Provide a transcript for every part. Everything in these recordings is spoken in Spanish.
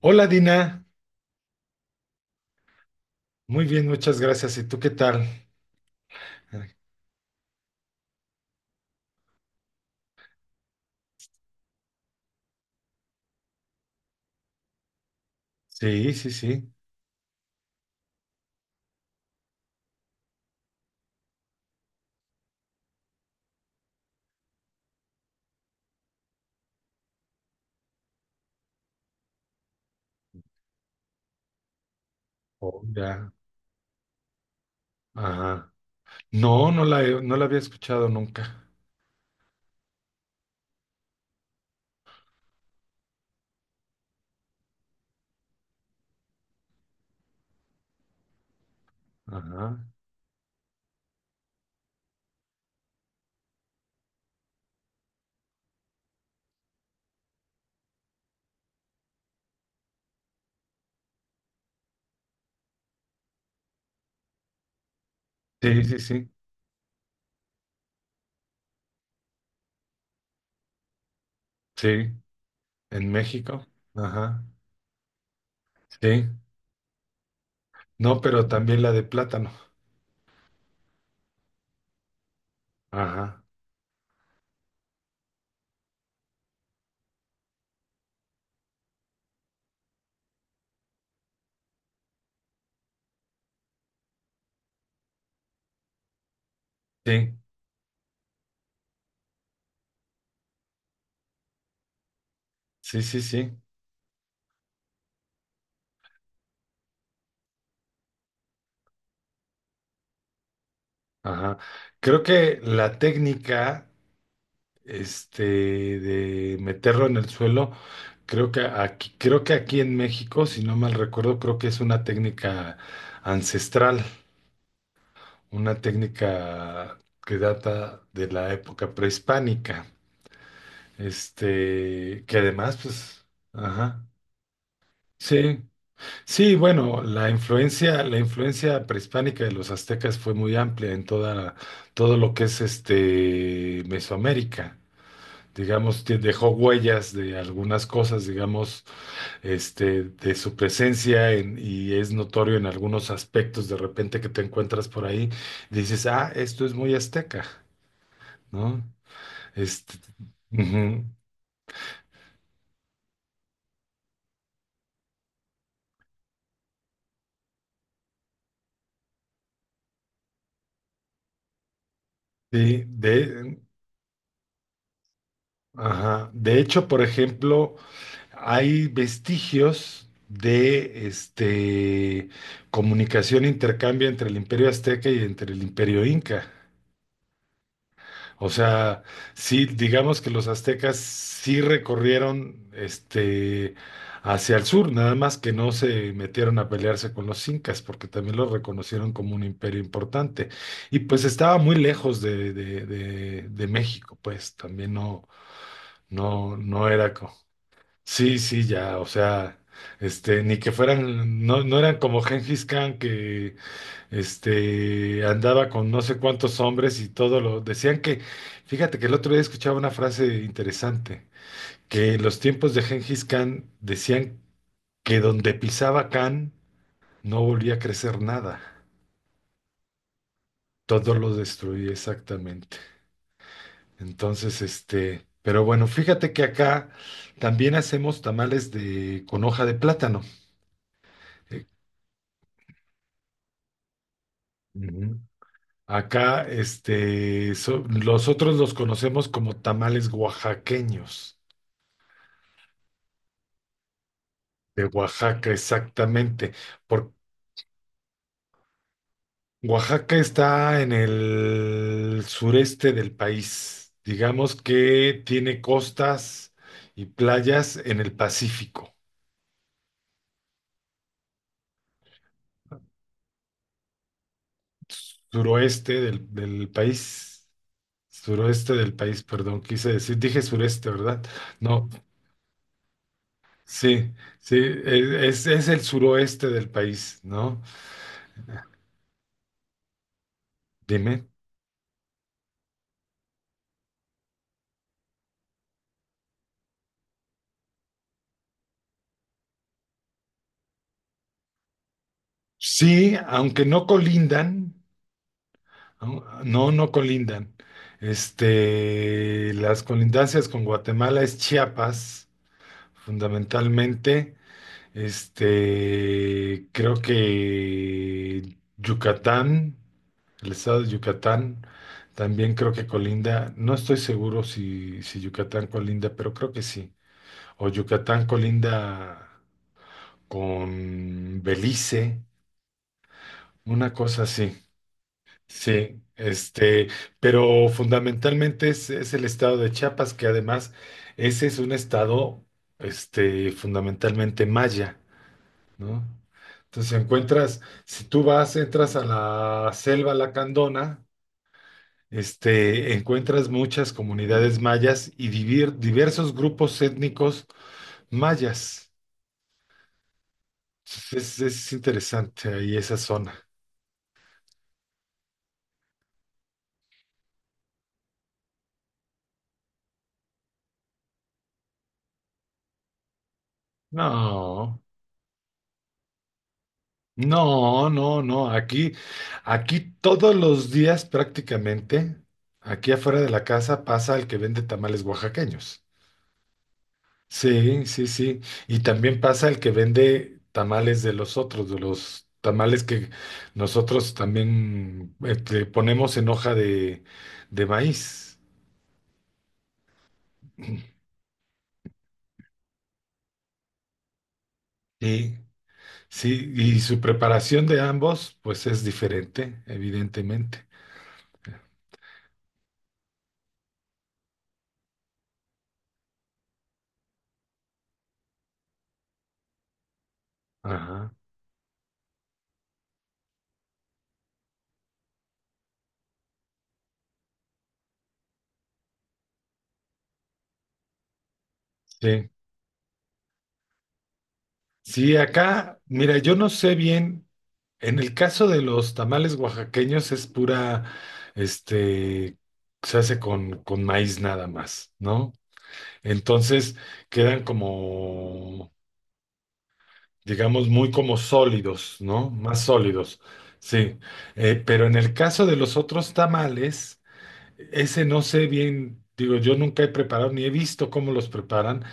Hola Dina, muy bien, muchas gracias. ¿Y tú qué tal? Sí, sí, sí. Oh, ya. Ajá. No, no la había escuchado nunca. Ajá. Sí, sí, sí. Sí, en México. Ajá. Sí. No, pero también la de plátano. Ajá. Sí, sí, sí, sí. Ajá. Creo que la técnica este, de meterlo en el suelo. Creo que aquí en México, si no mal recuerdo, creo que es una técnica ancestral, una técnica que data de la época prehispánica. Que además, pues, ajá. Sí, sí, bueno, la influencia prehispánica de los aztecas fue muy amplia en todo lo que es Mesoamérica. Digamos, que dejó huellas de algunas cosas, digamos, de su presencia y es notorio en algunos aspectos de repente que te encuentras por ahí, dices, ah, esto es muy azteca, ¿no? Este, ujú, sí, ajá. De hecho, por ejemplo, hay vestigios de comunicación e intercambio entre el Imperio Azteca y entre el Imperio Inca. O sea, sí, digamos que los aztecas sí recorrieron hacia el sur, nada más que no se metieron a pelearse con los incas, porque también los reconocieron como un imperio importante. Y pues estaba muy lejos de México, pues también no. no, no era co- Sí, sí, ya, o sea, ni que fueran, no eran como Gengis Khan. Andaba con no sé cuántos hombres y todo lo decían que, fíjate que el otro día escuchaba una frase interesante, que en los tiempos de Gengis Khan decían que donde pisaba Khan no volvía a crecer nada, todo lo destruía exactamente. Entonces, pero bueno, fíjate que acá también hacemos tamales de con hoja de plátano. Eh, ujú. Acá, nosotros los conocemos como tamales oaxaqueños. De Oaxaca, exactamente. Por Oaxaca está en el sureste del país. Digamos que tiene costas y playas en el Pacífico, suroeste del país. Suroeste del país, perdón, quise decir, dije sureste, ¿verdad? No, sí, sí, es el suroeste del país, ¿no? Dime. Sí, aunque no colindan. No, no colindan. Las colindancias con Guatemala es Chiapas, fundamentalmente. Creo que Yucatán, el estado de Yucatán, también creo que colinda. No estoy seguro si Yucatán colinda, pero creo que sí. O Yucatán colinda con Belice, una cosa así. Sí, pero fundamentalmente es el estado de Chiapas, que además ese es un estado, fundamentalmente maya, ¿no? Entonces si encuentras, si tú vas, entras a la selva Lacandona, encuentras muchas comunidades mayas y diversos grupos étnicos mayas. Es interesante ahí esa zona. No. No, no, no. Aquí todos los días prácticamente, aquí afuera de la casa pasa el que vende tamales oaxaqueños. Sí, sí, sí. Y también pasa el que vende tamales de los otros, de los tamales que nosotros también ponemos en hoja de maíz. Sí, sí. Y su preparación de ambos, pues es diferente, evidentemente. Ajá. Sí. Sí, acá, mira, yo no sé bien, en el caso de los tamales oaxaqueños es pura, este, se hace con maíz nada más, ¿no? Entonces quedan como, digamos, muy como sólidos, ¿no? Más sólidos, sí. Pero en el caso de los otros tamales, ese no sé bien, digo, yo nunca he preparado ni he visto cómo los preparan,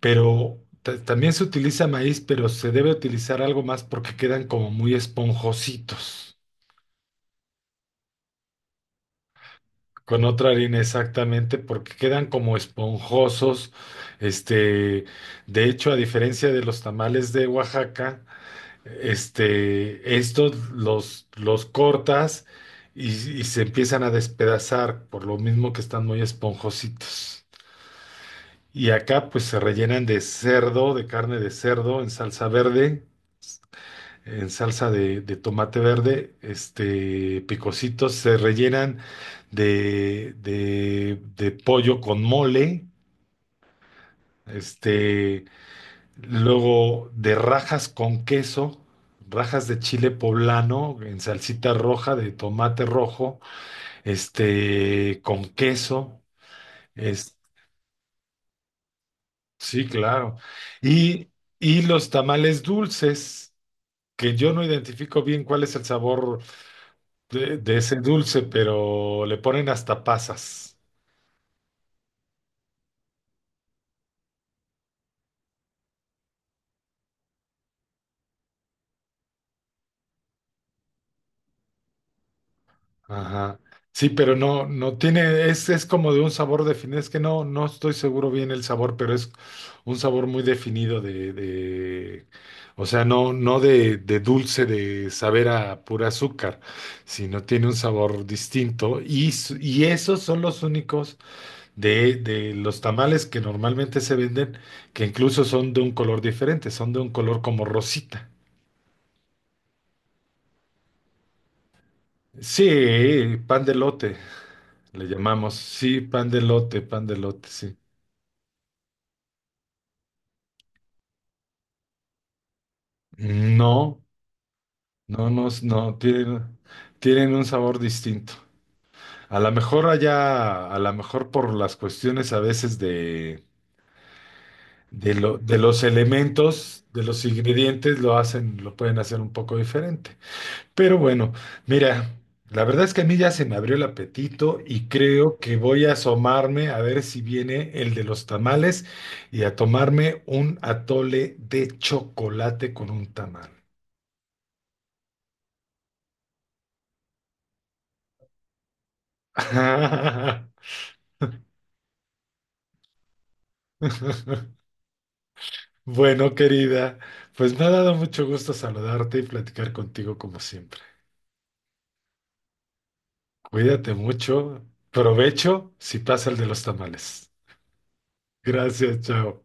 pero también se utiliza maíz, pero se debe utilizar algo más porque quedan como muy esponjositos. Con otra harina exactamente, porque quedan como esponjosos. Este, de hecho, a diferencia de los tamales de Oaxaca, estos los cortas y se empiezan a despedazar, por lo mismo que están muy esponjositos. Y acá pues se rellenan de cerdo, de carne de cerdo en salsa verde, en salsa de tomate verde, picositos, se rellenan de pollo con mole, este, luego de rajas con queso, rajas de chile poblano en salsita roja de tomate rojo, con queso, es, sí, claro, y, y los tamales dulces. Que yo no identifico bien cuál es el sabor de ese dulce, pero le ponen hasta pasas. Ajá. Sí, pero no, no tiene, es como de un sabor definido. Es que no, no estoy seguro bien el sabor, pero es un sabor muy definido o sea, no de dulce de saber a pura azúcar, sino tiene un sabor distinto. Y esos son los únicos de los tamales que normalmente se venden, que incluso son de un color diferente, son de un color como rosita. Sí, pan de lote, le llamamos. Sí, pan de lote, sí. No, no, no, no, tienen un sabor distinto. A lo mejor allá, a lo mejor por las cuestiones a veces de los elementos, de los ingredientes, lo hacen, lo pueden hacer un poco diferente. Pero bueno, mira, la verdad es que a mí ya se me abrió el apetito y creo que voy a asomarme a ver si viene el de los tamales y a tomarme un atole de chocolate con un tamal. Bueno, querida, pues me ha dado mucho gusto saludarte y platicar contigo como siempre. Cuídate mucho, provecho si pasa el de los tamales. Gracias, chao.